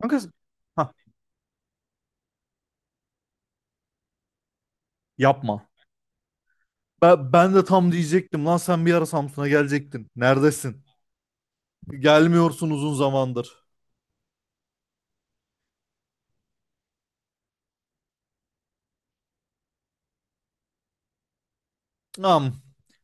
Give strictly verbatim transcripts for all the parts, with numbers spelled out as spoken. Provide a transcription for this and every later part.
Kanka. Hah, yapma. Ben, ben de tam diyecektim lan sen bir ara Samsun'a gelecektin. Neredesin? Gelmiyorsun uzun zamandır. Am,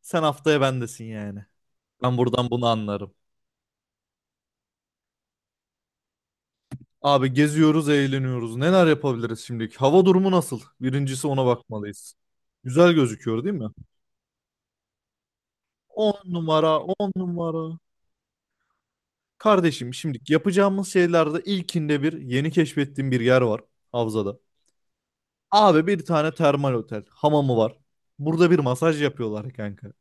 Sen haftaya bendesin yani. Ben buradan bunu anlarım. Abi geziyoruz, eğleniyoruz. Neler yapabiliriz şimdilik? Hava durumu nasıl? Birincisi ona bakmalıyız. Güzel gözüküyor değil mi? On numara, on numara. Kardeşim şimdi yapacağımız şeylerde ilkinde bir yeni keşfettiğim bir yer var Havza'da. Abi bir tane termal otel. Hamamı var. Burada bir masaj yapıyorlar kanka.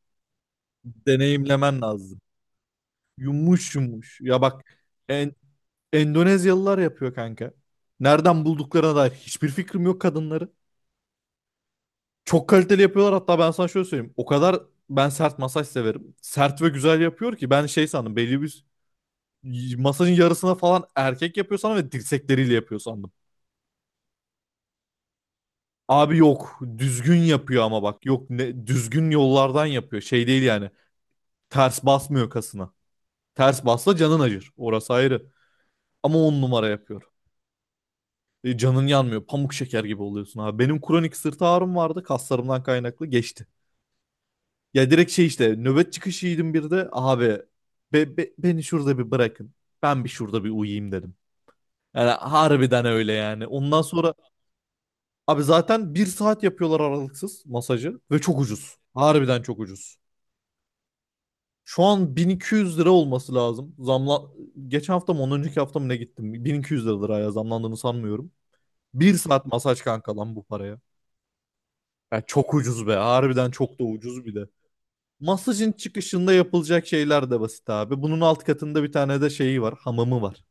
Deneyimlemen lazım. Yumuş yumuş. Ya bak en, Endonezyalılar yapıyor kanka. Nereden bulduklarına dair hiçbir fikrim yok kadınları. Çok kaliteli yapıyorlar, hatta ben sana şöyle söyleyeyim. O kadar ben sert masaj severim. Sert ve güzel yapıyor ki ben şey sandım, belli bir masajın yarısına falan erkek yapıyor sandım ve dirsekleriyle yapıyor sandım. Abi yok, düzgün yapıyor ama bak yok ne, düzgün yollardan yapıyor, şey değil yani. Ters basmıyor kasına. Ters basla canın acır. Orası ayrı. Ama on numara yapıyor. E, canın yanmıyor. Pamuk şeker gibi oluyorsun abi. Benim kronik sırt ağrım vardı. Kaslarımdan kaynaklı geçti. Ya direkt şey işte nöbet çıkışı yedim bir de. Abi be- be- beni şurada bir bırakın. Ben bir şurada bir uyuyayım dedim. Yani harbiden öyle yani. Ondan sonra abi zaten bir saat yapıyorlar aralıksız masajı. Ve çok ucuz. Harbiden çok ucuz. Şu an bin iki yüz lira olması lazım. Zamla geçen hafta mı ondan önceki hafta mı ne gittim? bin iki yüz lira liraya zamlandığını sanmıyorum. Bir saat masaj kanka lan bu paraya. Ya çok ucuz be. Harbiden çok da ucuz bir de. Masajın çıkışında yapılacak şeyler de basit abi. Bunun alt katında bir tane de şeyi var. Hamamı var.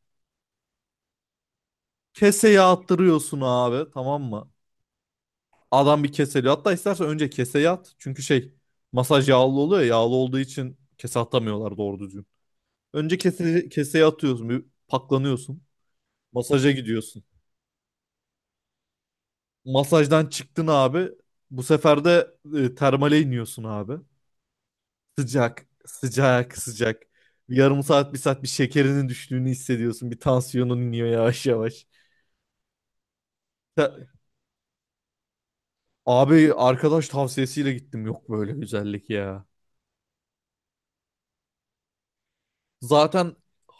Keseye attırıyorsun abi, tamam mı? Adam bir keseli. Hatta istersen önce keseye at. Çünkü şey, masaj yağlı oluyor ya. Yağlı olduğu için kese atamıyorlar doğru düzgün. Önce kese, keseye atıyorsun. Bir paklanıyorsun. Masaja gidiyorsun. Masajdan çıktın abi. Bu sefer de e, termale iniyorsun abi. Sıcak, sıcak, sıcak. Bir yarım saat, bir saat bir şekerinin düştüğünü hissediyorsun. Bir tansiyonun iniyor yavaş yavaş. Ta- Abi arkadaş tavsiyesiyle gittim. Yok böyle güzellik ya. Zaten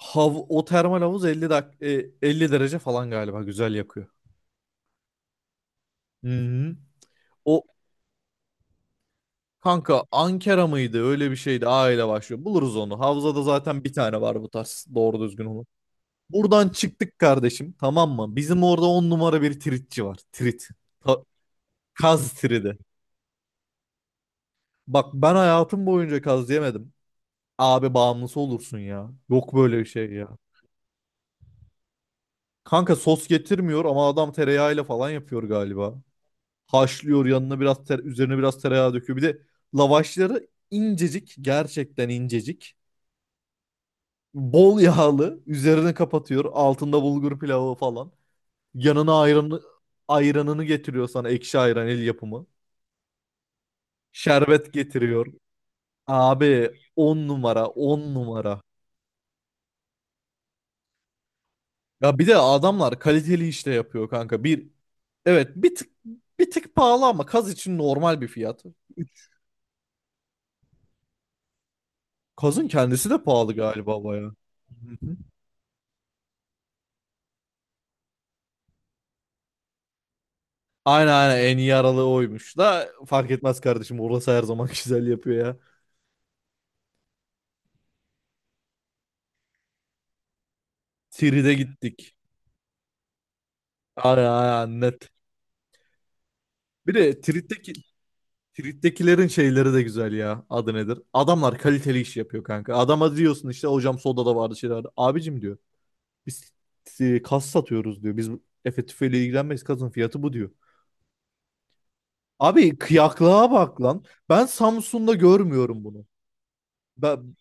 hav o termal havuz elli dak e, elli derece falan galiba güzel yakıyor. Hı-hı. O kanka Ankara mıydı? Öyle bir şeydi. A ile başlıyor. Buluruz onu. Havzada zaten bir tane var bu tarz. Doğru düzgün olan. Buradan çıktık kardeşim, tamam mı? Bizim orada on numara bir tritçi var. Trit. Ta- Kaz tridi. Bak ben hayatım boyunca kaz yemedim. Abi bağımlısı olursun ya. Yok böyle bir şey ya. Kanka sos getirmiyor ama adam tereyağıyla falan yapıyor galiba. Haşlıyor, yanına biraz tere- üzerine biraz tereyağı döküyor. Bir de lavaşları incecik, gerçekten incecik. Bol yağlı üzerine kapatıyor. Altında bulgur pilavı falan. Yanına ayranı, ayranını getiriyor sana, ekşi ayran el yapımı. Şerbet getiriyor. Abi on numara on numara. Ya bir de adamlar kaliteli işte yapıyor kanka. Bir evet bir tık bir tık pahalı ama kaz için normal bir fiyat. Kazın kendisi de pahalı galiba baya. Hı hı. Aynen aynen en iyi aralığı oymuş da fark etmez kardeşim, orası her zaman güzel yapıyor ya. Tiride gittik. Aynen aynen net. Bir de Tirit'teki Street'tekilerin şeyleri de güzel ya. Adı nedir? Adamlar kaliteli iş yapıyor kanka. Adama diyorsun işte hocam soda da vardı şeyler vardı. Abicim diyor. Biz e, kas satıyoruz diyor. Biz Efe tüfeğiyle ilgilenmeyiz. Kasın fiyatı bu diyor. Abi kıyaklığa bak lan. Ben Samsun'da görmüyorum bunu. Ben,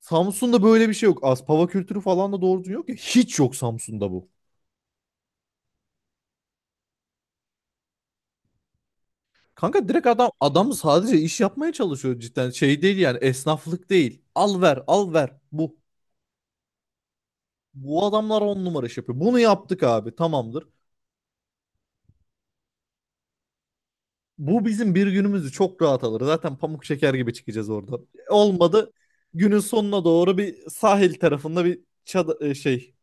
Samsun'da böyle bir şey yok. Aspava kültürü falan da doğru düzgün yok ya. Hiç yok Samsun'da bu. Kanka direkt adam adam sadece iş yapmaya çalışıyor cidden. Şey değil yani, esnaflık değil. Al ver, al ver, bu. Bu adamlar on numara iş yapıyor. Bunu yaptık abi, tamamdır. Bu bizim bir günümüzü çok rahat alır. Zaten pamuk şeker gibi çıkacağız orada. Olmadı günün sonuna doğru bir sahil tarafında bir çad e, şey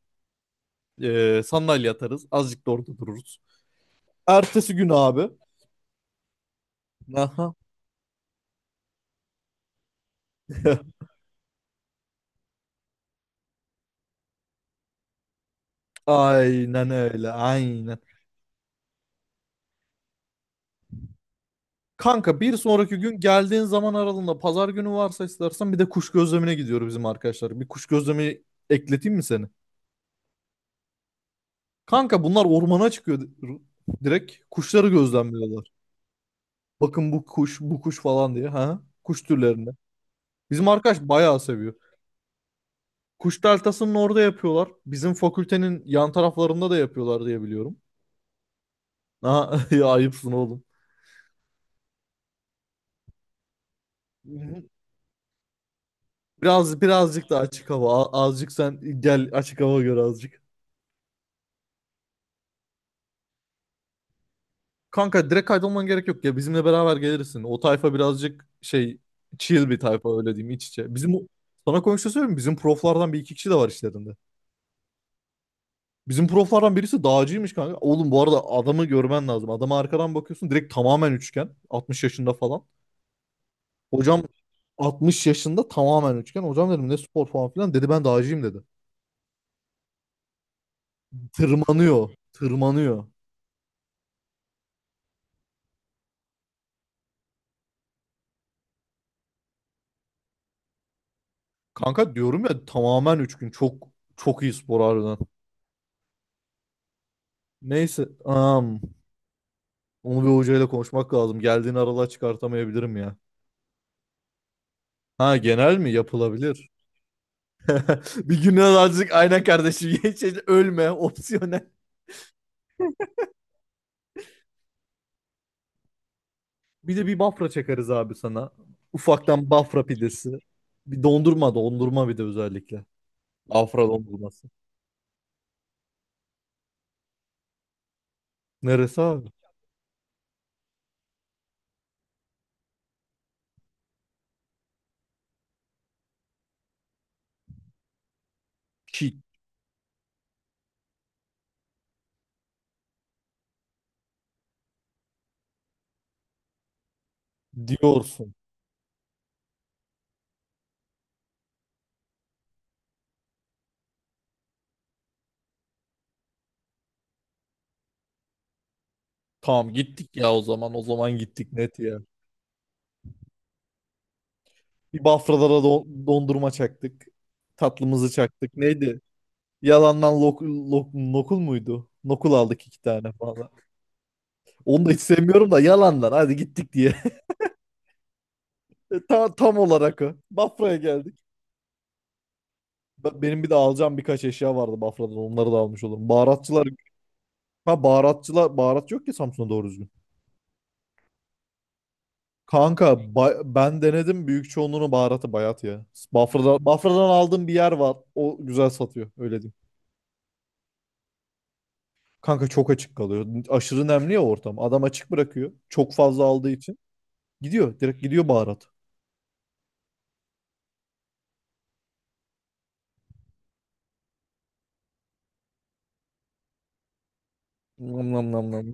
e, sandalye atarız. Azıcık da orada dururuz. Ertesi gün abi. Aha. Aynen öyle aynen. Kanka bir sonraki gün geldiğin zaman aralığında pazar günü varsa istersen bir de kuş gözlemine gidiyor bizim arkadaşlar. Bir kuş gözlemi ekleteyim mi seni? Kanka bunlar ormana çıkıyor direkt. Kuşları gözlemliyorlar. Bakın bu kuş, bu kuş falan diye. Ha? Kuş türlerini. Bizim arkadaş bayağı seviyor. Kuş deltasının orada yapıyorlar. Bizim fakültenin yan taraflarında da yapıyorlar diye biliyorum. Ha, ya ayıpsın oğlum. Biraz birazcık da açık hava. A- Azıcık sen gel açık hava gör azıcık. Kanka direkt kaydolman gerek yok ya. Bizimle beraber gelirsin. O tayfa birazcık şey, chill bir tayfa, öyle diyeyim, iç içe. Bizim sana komşu söyleyeyim mi? Bizim proflardan bir iki kişi de var işlerinde. Bizim proflardan birisi dağcıymış kanka. Oğlum bu arada adamı görmen lazım. Adama arkadan bakıyorsun direkt tamamen üçgen. altmış yaşında falan. Hocam altmış yaşında tamamen üçgen. Hocam dedim ne spor falan filan. Dedi ben dağcıyım dedi. Tırmanıyor. Tırmanıyor. Kanka diyorum ya tamamen üçgen. Çok çok iyi spor harbiden. Neyse. Am, onu bir hocayla konuşmak lazım. Geldiğini aralığa çıkartamayabilirim ya. Ha genel mi? Yapılabilir. Bir gün azıcık aynen kardeşim. Geç, ölme. Opsiyonel. Bir de bir Bafra çakarız abi sana. Ufaktan Bafra pidesi. Bir dondurma dondurma bir de özellikle. Bafra dondurması. Neresi abi? Ki diyorsun. Tamam gittik ya o zaman. O zaman gittik net ya. Bir Bafralara don- dondurma çaktık. Tatlımızı çaktık. Neydi? Yalandan lok- lok- nokul muydu? Nokul aldık iki tane falan. Onu da hiç sevmiyorum da yalandan. Hadi gittik diye. Tam, tam olarak o. Bafra'ya geldik. Ba- Benim bir de alacağım birkaç eşya vardı Bafra'dan. Onları da almış olurum. Baharatçılar, ha baharatçılar, baharat yok ki Samsun'da doğru düzgün. Kanka bay- ben denedim, büyük çoğunluğunu baharatı bayat ya. Bafra'da Bafra'dan aldığım bir yer var. O güzel satıyor öyle diyeyim. Kanka çok açık kalıyor. Aşırı nemli ya ortam. Adam açık bırakıyor. Çok fazla aldığı için. Gidiyor. Direkt gidiyor baharat. Nam nam nam nam.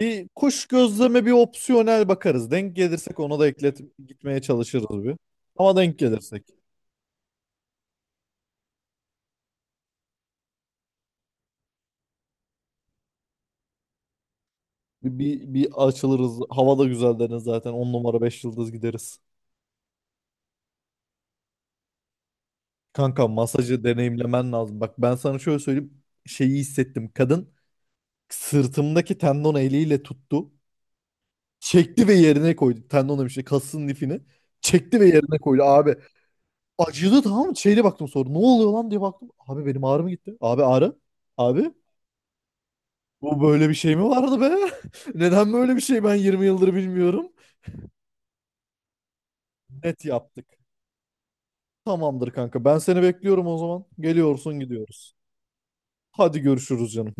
Bir kuş gözleme bir opsiyonel bakarız. Denk gelirsek onu da eklet, gitmeye çalışırız bir. Ama denk gelirse. Bir, bir açılırız. Hava da güzel, deniz zaten. On numara beş yıldız gideriz. Kanka masajı deneyimlemen lazım. Bak ben sana şöyle söyleyeyim. Şeyi hissettim. Kadın sırtımdaki tendon eliyle tuttu. Çekti ve yerine koydu. Tendon demişti. Kasın lifini. Çekti ve yerine koydu. Abi acıdı, tamam mı? Şeyle baktım sonra. Ne oluyor lan diye baktım. Abi benim ağrım gitti. Abi ağrı. Abi bu böyle bir şey mi vardı be? Neden böyle bir şey ben yirmi yıldır bilmiyorum. Net yaptık. Tamamdır kanka. Ben seni bekliyorum o zaman. Geliyorsun gidiyoruz. Hadi görüşürüz canım.